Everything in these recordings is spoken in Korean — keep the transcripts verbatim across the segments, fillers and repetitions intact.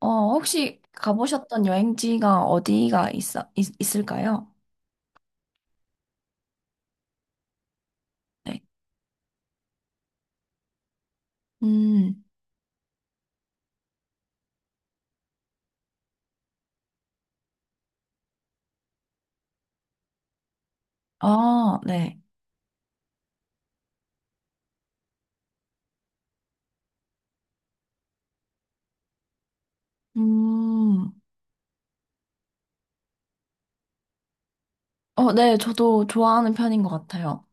어, 혹시 가보셨던 여행지가 어디가 있어, 있, 있을까요? 네. 음, 아, 네. 음, 어, 네, 저도 좋아하는 편인 것 같아요.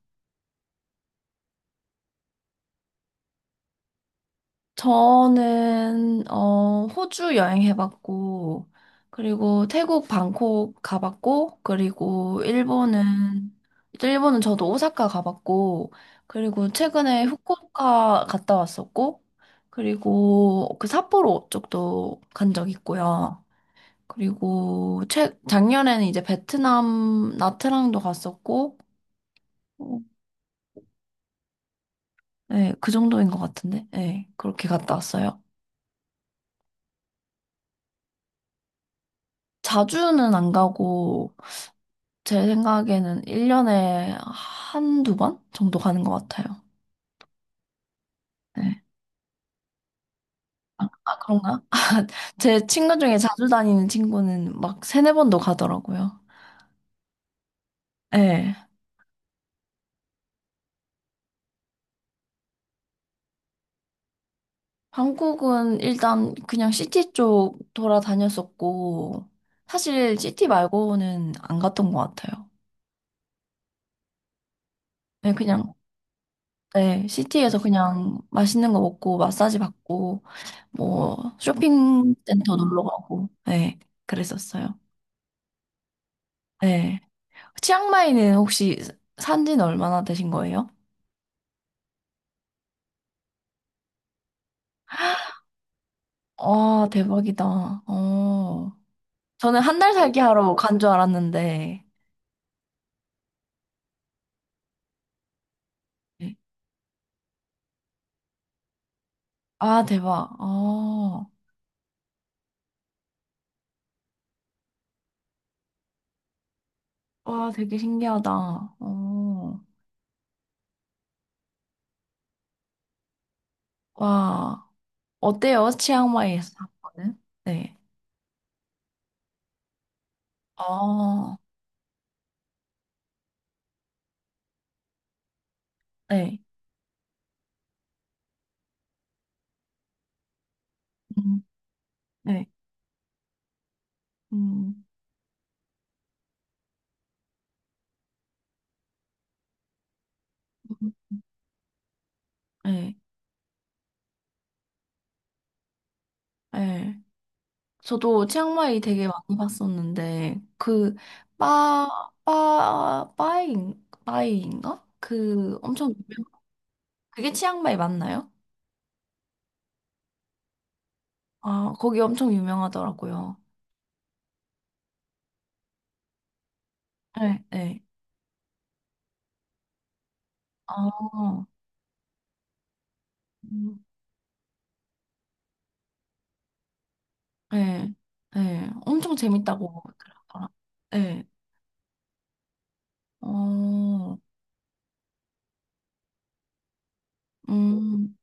저는, 어, 호주 여행해봤고, 그리고 태국 방콕 가봤고, 그리고 일본은, 일본은 저도 오사카 가봤고, 그리고 최근에 후쿠오카 갔다 왔었고, 그리고 그 삿포로 쪽도 간 적 있고요. 그리고 최, 작년에는 이제 베트남 나트랑도 갔었고, 어, 네, 그 정도인 것 같은데, 네, 그렇게 갔다 왔어요. 자주는 안 가고, 제 생각에는 일 년에 한두 번 정도 가는 것 같아요. 네. 아, 그런가? 제 친구 중에 자주 다니는 친구는 막 세네 번도 가더라고요. 네. 한국은 일단 그냥 시티 쪽 돌아다녔었고, 사실 시티 말고는 안 갔던 것 같아요. 네, 그냥 네, 시티에서 그냥 맛있는 거 먹고 마사지 받고 뭐 쇼핑센터 놀러 가고 네, 그랬었어요. 네. 치앙마이는 혹시 산 지는 얼마나 되신 거예요? 아, 대박이다. 어. 저는 한 달 살기 하러 간 줄 알았는데. 네. 아, 대박. 어. 와, 되게 신기하다. 어. 와. 어때요? 치앙마이에서 사는 거는? 네. 아, 네. 음, 네. 음. 음. 예, 예. 저도 치앙마이 되게 많이 봤었는데, 그, 빠, 빠, 빠잉, 빠잉인가? 그 엄청 유명, 그게 치앙마이 맞나요? 아, 거기 엄청 유명하더라고요. 네, 네. 아, 음, 네, 네. 엄청 재밌다고 그러더라. 네, 어, 음, 음,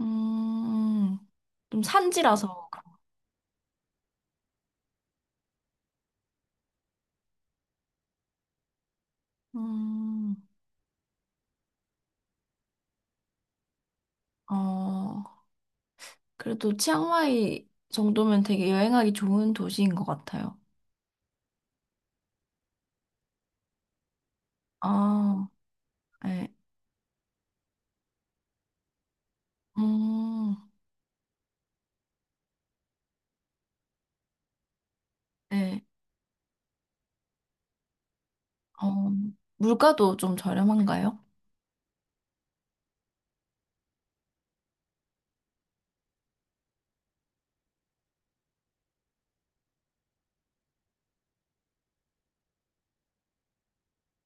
음. 좀 산지라서. 그런. 음, 어. 그래도 치앙마이 정도면 되게 여행하기 좋은 도시인 것 같아요. 아, 네. 음, 네. 어, 물가도 좀 저렴한가요?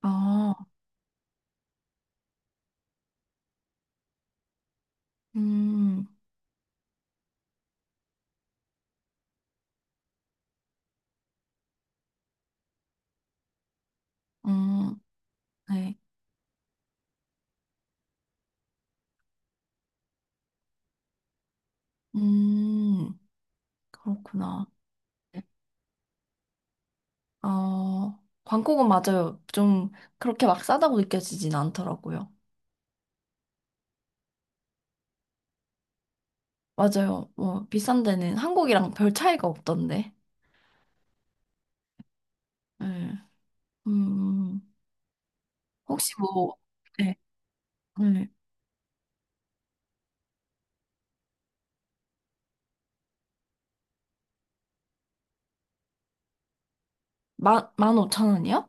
아, 음, 음, 네. 음, 그렇구나. 네. 어, 방콕은 맞아요. 좀 그렇게 막 싸다고 느껴지진 않더라고요. 맞아요. 뭐, 비싼 데는 한국이랑 별 차이가 없던데. 네. 음, 혹시 뭐, 네. 네. 만, 만 오천 원이요?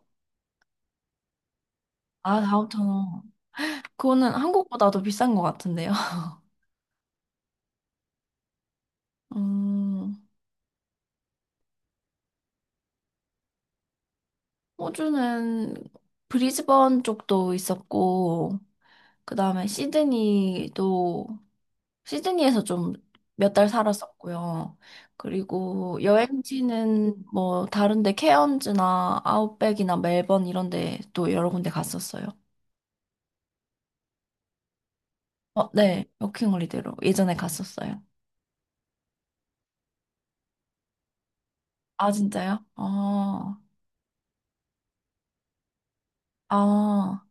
아, 사 오 영 원. 그거는 한국보다도 비싼 것 같은데요. 음, 호주는 브리즈번 쪽도 있었고, 그 다음에 시드니도, 시드니에서 좀 몇 달 살았었고요. 그리고 여행지는 뭐 다른데 케언즈나 아웃백이나 멜번 이런 데 또 여러 군데 갔었어요. 어, 네. 워킹홀리데이로 예전에 갔었어요. 아, 진짜요? 어, 아,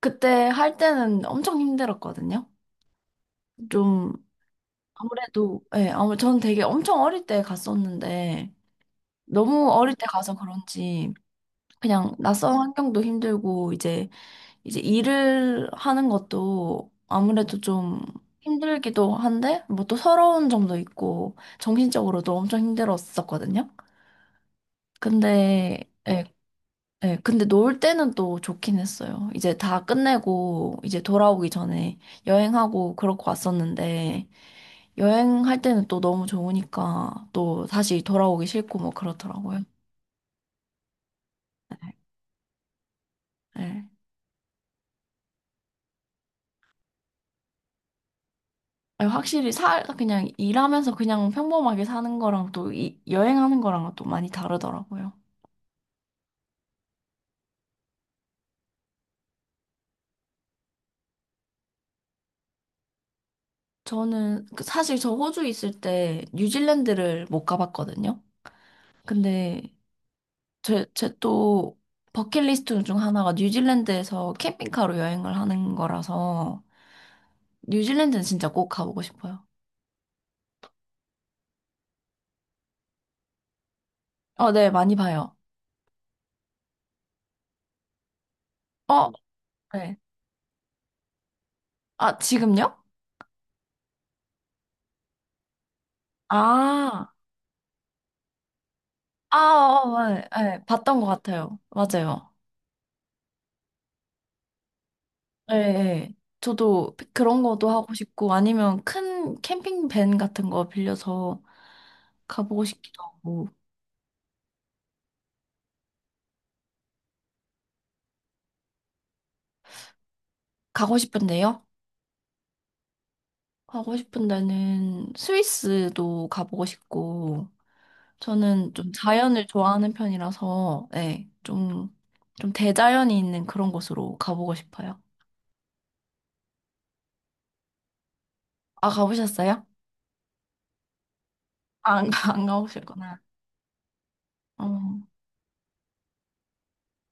그때 할 때는 엄청 힘들었거든요. 좀 아무래도 예, 아무 전 되게 엄청 어릴 때 갔었는데 너무 어릴 때 가서 그런지 그냥 낯선 환경도 힘들고 이제 이제 일을 하는 것도 아무래도 좀 힘들기도 한데 뭐 또 서러운 점도 있고 정신적으로도 엄청 힘들었었거든요. 근데 예, 네, 근데 놀 때는 또 좋긴 했어요. 이제 다 끝내고, 이제 돌아오기 전에 여행하고 그렇고 왔었는데, 여행할 때는 또 너무 좋으니까, 또 다시 돌아오기 싫고 뭐 그렇더라고요. 네. 아니, 확실히 살, 그냥 일하면서 그냥 평범하게 사는 거랑 또 이, 여행하는 거랑은 또 많이 다르더라고요. 저는 그 사실 저 호주 있을 때 뉴질랜드를 못 가봤거든요. 근데 제, 제 또 버킷리스트 중 하나가 뉴질랜드에서 캠핑카로 여행을 하는 거라서 뉴질랜드는 진짜 꼭 가보고 싶어요. 어, 네, 많이 봐요. 어, 네. 아, 지금요? 아, 아, 어, 네, 네, 봤던 것 같아요. 맞아요. 네, 네. 저도 그런 것도 하고 싶고 아니면 큰 캠핑 밴 같은 거 빌려서 가보고 싶기도 하고. 가고 싶은데요? 가고 싶은 데는 스위스도 가보고 싶고, 저는 좀 자연을 좋아하는 편이라서, 네, 좀, 좀, 대자연이 있는 그런 곳으로 가보고 싶어요. 아, 가보셨어요? 아, 안, 가- 안 가보셨구나. 어,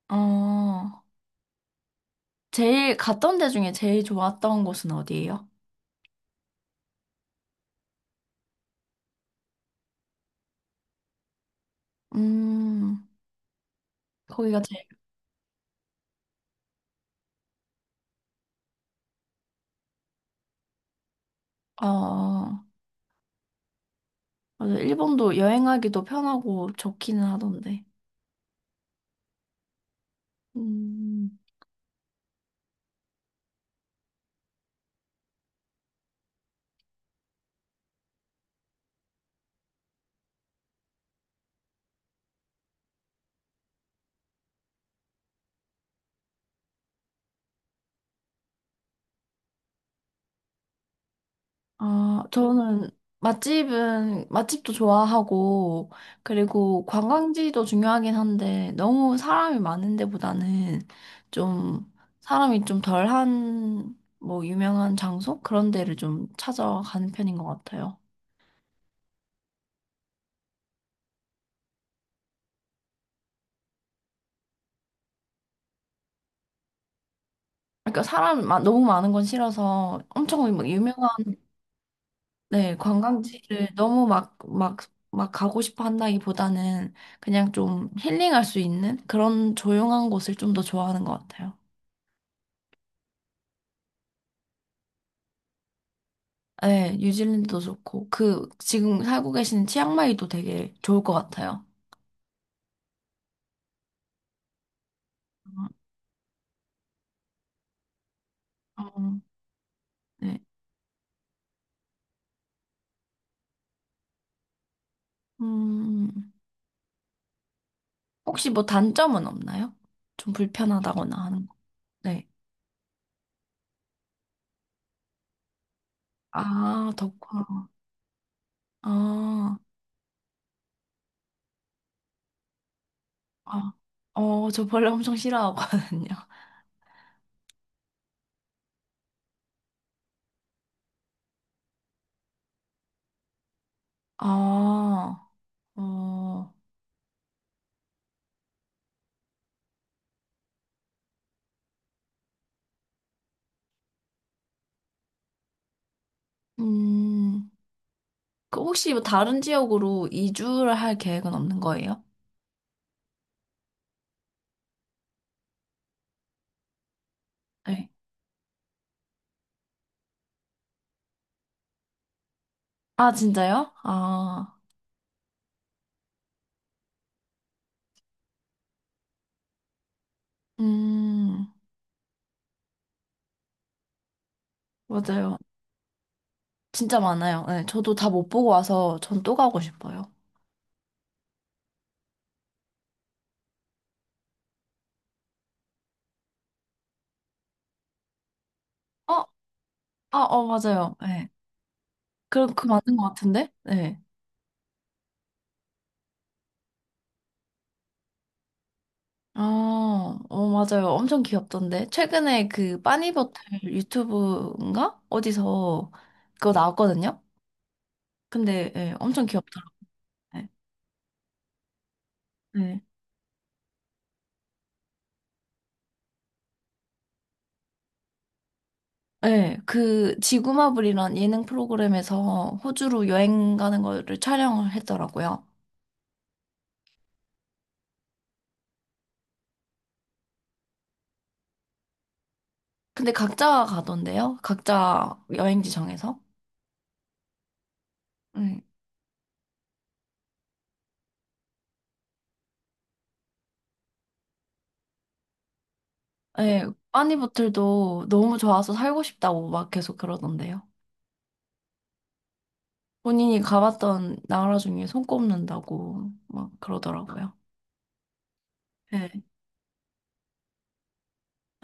어, 제일 갔던 데 중에 제일 좋았던 곳은 어디예요? 음, 거기가 제일. 어, 어. 맞아. 일본도 여행하기도 편하고 좋기는 하던데. 음. 아, 저는. 맛집은, 맛집도 좋아하고, 그리고 관광지도 중요하긴 한데, 너무 사람이 많은 데보다는 좀, 사람이 좀 덜한, 뭐, 유명한 장소? 그런 데를 좀 찾아가는 편인 것 같아요. 그러니까 사람 마- 너무 많은 건 싫어서 엄청 막 유명한, 네, 관광지를 너무 막, 막, 막 가고 싶어 한다기보다는 그냥 좀 힐링할 수 있는 그런 조용한 곳을 좀 더 좋아하는 것 같아요. 네, 뉴질랜드도 좋고, 그, 지금 살고 계시는 치앙마이도 되게 좋을 것 같아요. 음, 네. 음, 혹시 뭐 단점은 없나요? 좀 불편하다거나 하는 거. 네. 아, 덥구나. 아, 아, 어, 저 벌레 엄청 싫어하거든요. 아, 어, 음, 그 혹시 뭐 다른 지역으로 이주를 할 계획은 없는 거예요? 네. 아, 진짜요? 아, 음, 맞아요. 진짜 많아요. 네, 저도 다 못 보고 와서 전 또 가고 싶어요. 어, 아, 어, 맞아요. 네. 그럼 그 맞는 것 같은데? 네. 아, 어, 맞아요. 엄청 귀엽던데. 최근에 그 빠니버틀 유튜브인가? 어디서 그거 나왔거든요. 근데 예, 엄청 귀엽더라고요. 네. 네, 그 지구마블이란 예능 프로그램에서 호주로 여행 가는 거를 촬영을 했더라고요. 근데 각자 가던데요? 각자 여행지 정해서? 예. 예, 빠니보틀도 너무 좋아서 살고 싶다고 막 계속 그러던데요. 본인이 가봤던 나라 중에 손꼽는다고 막 그러더라고요. 예,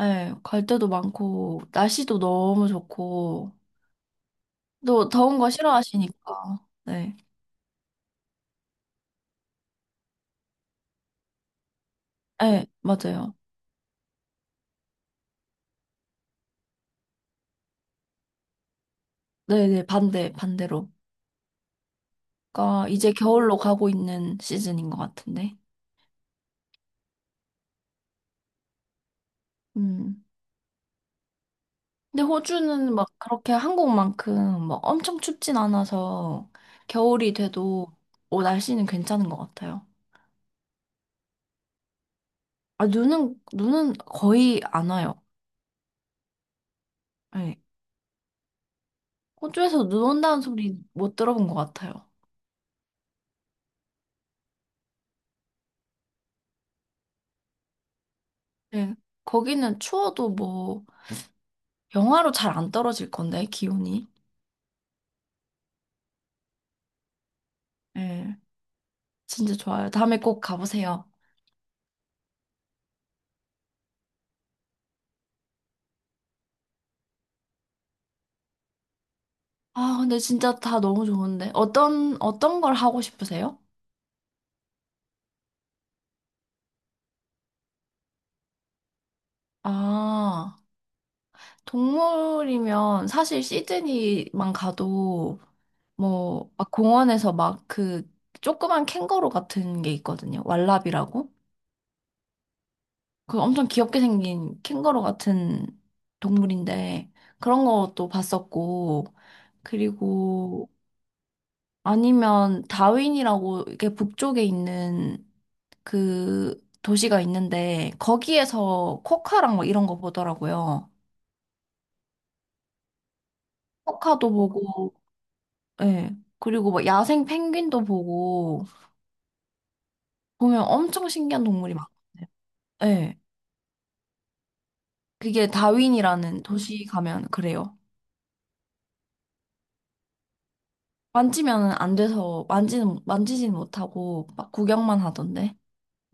예, 갈 데도 많고, 날씨도 너무 좋고, 또 더운 거 싫어하시니까. 네, 예, 맞아요. 네네, 반대, 반대로. 그러니까 이제 겨울로 가고 있는 시즌인 것 같은데. 음. 근데 호주는 막 그렇게 한국만큼 막 엄청 춥진 않아서 겨울이 돼도 어, 날씨는 괜찮은 것 같아요. 아, 눈은, 눈은 거의 안 와요. 네. 호주에서 눈 온다는 소리 못 들어본 것 같아요. 네. 거기는 추워도 뭐 영하로 잘 안 떨어질 건데, 기온이. 네. 진짜 좋아요. 다음에 꼭 가보세요. 아, 근데 진짜 다 너무 좋은데. 어떤, 어떤 걸 하고 싶으세요? 아. 동물이면 사실 시드니만 가도 뭐 막 공원에서 막 그 조그만 캥거루 같은 게 있거든요. 왈라비라고. 그 엄청 귀엽게 생긴 캥거루 같은 동물인데 그런 것도 봤었고, 그리고 아니면 다윈이라고 이게 북쪽에 있는 그 도시가 있는데 거기에서 코카랑 막 이런 거 보더라고요. 코카도 보고. 예. 그리고 막 야생 펭귄도 보고 보면 엄청 신기한 동물이 많거든요. 예. 그게 다윈이라는 도시 가면 그래요. 만지면 안 돼서 만지는 만지진 못하고 막 구경만 하던데.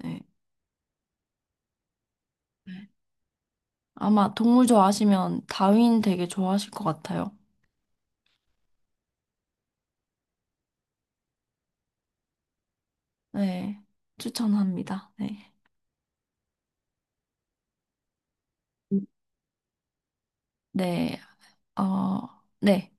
예. 네. 아마 동물 좋아하시면 다윈 되게 좋아하실 것 같아요. 네. 추천합니다. 네. 네. 어, 네.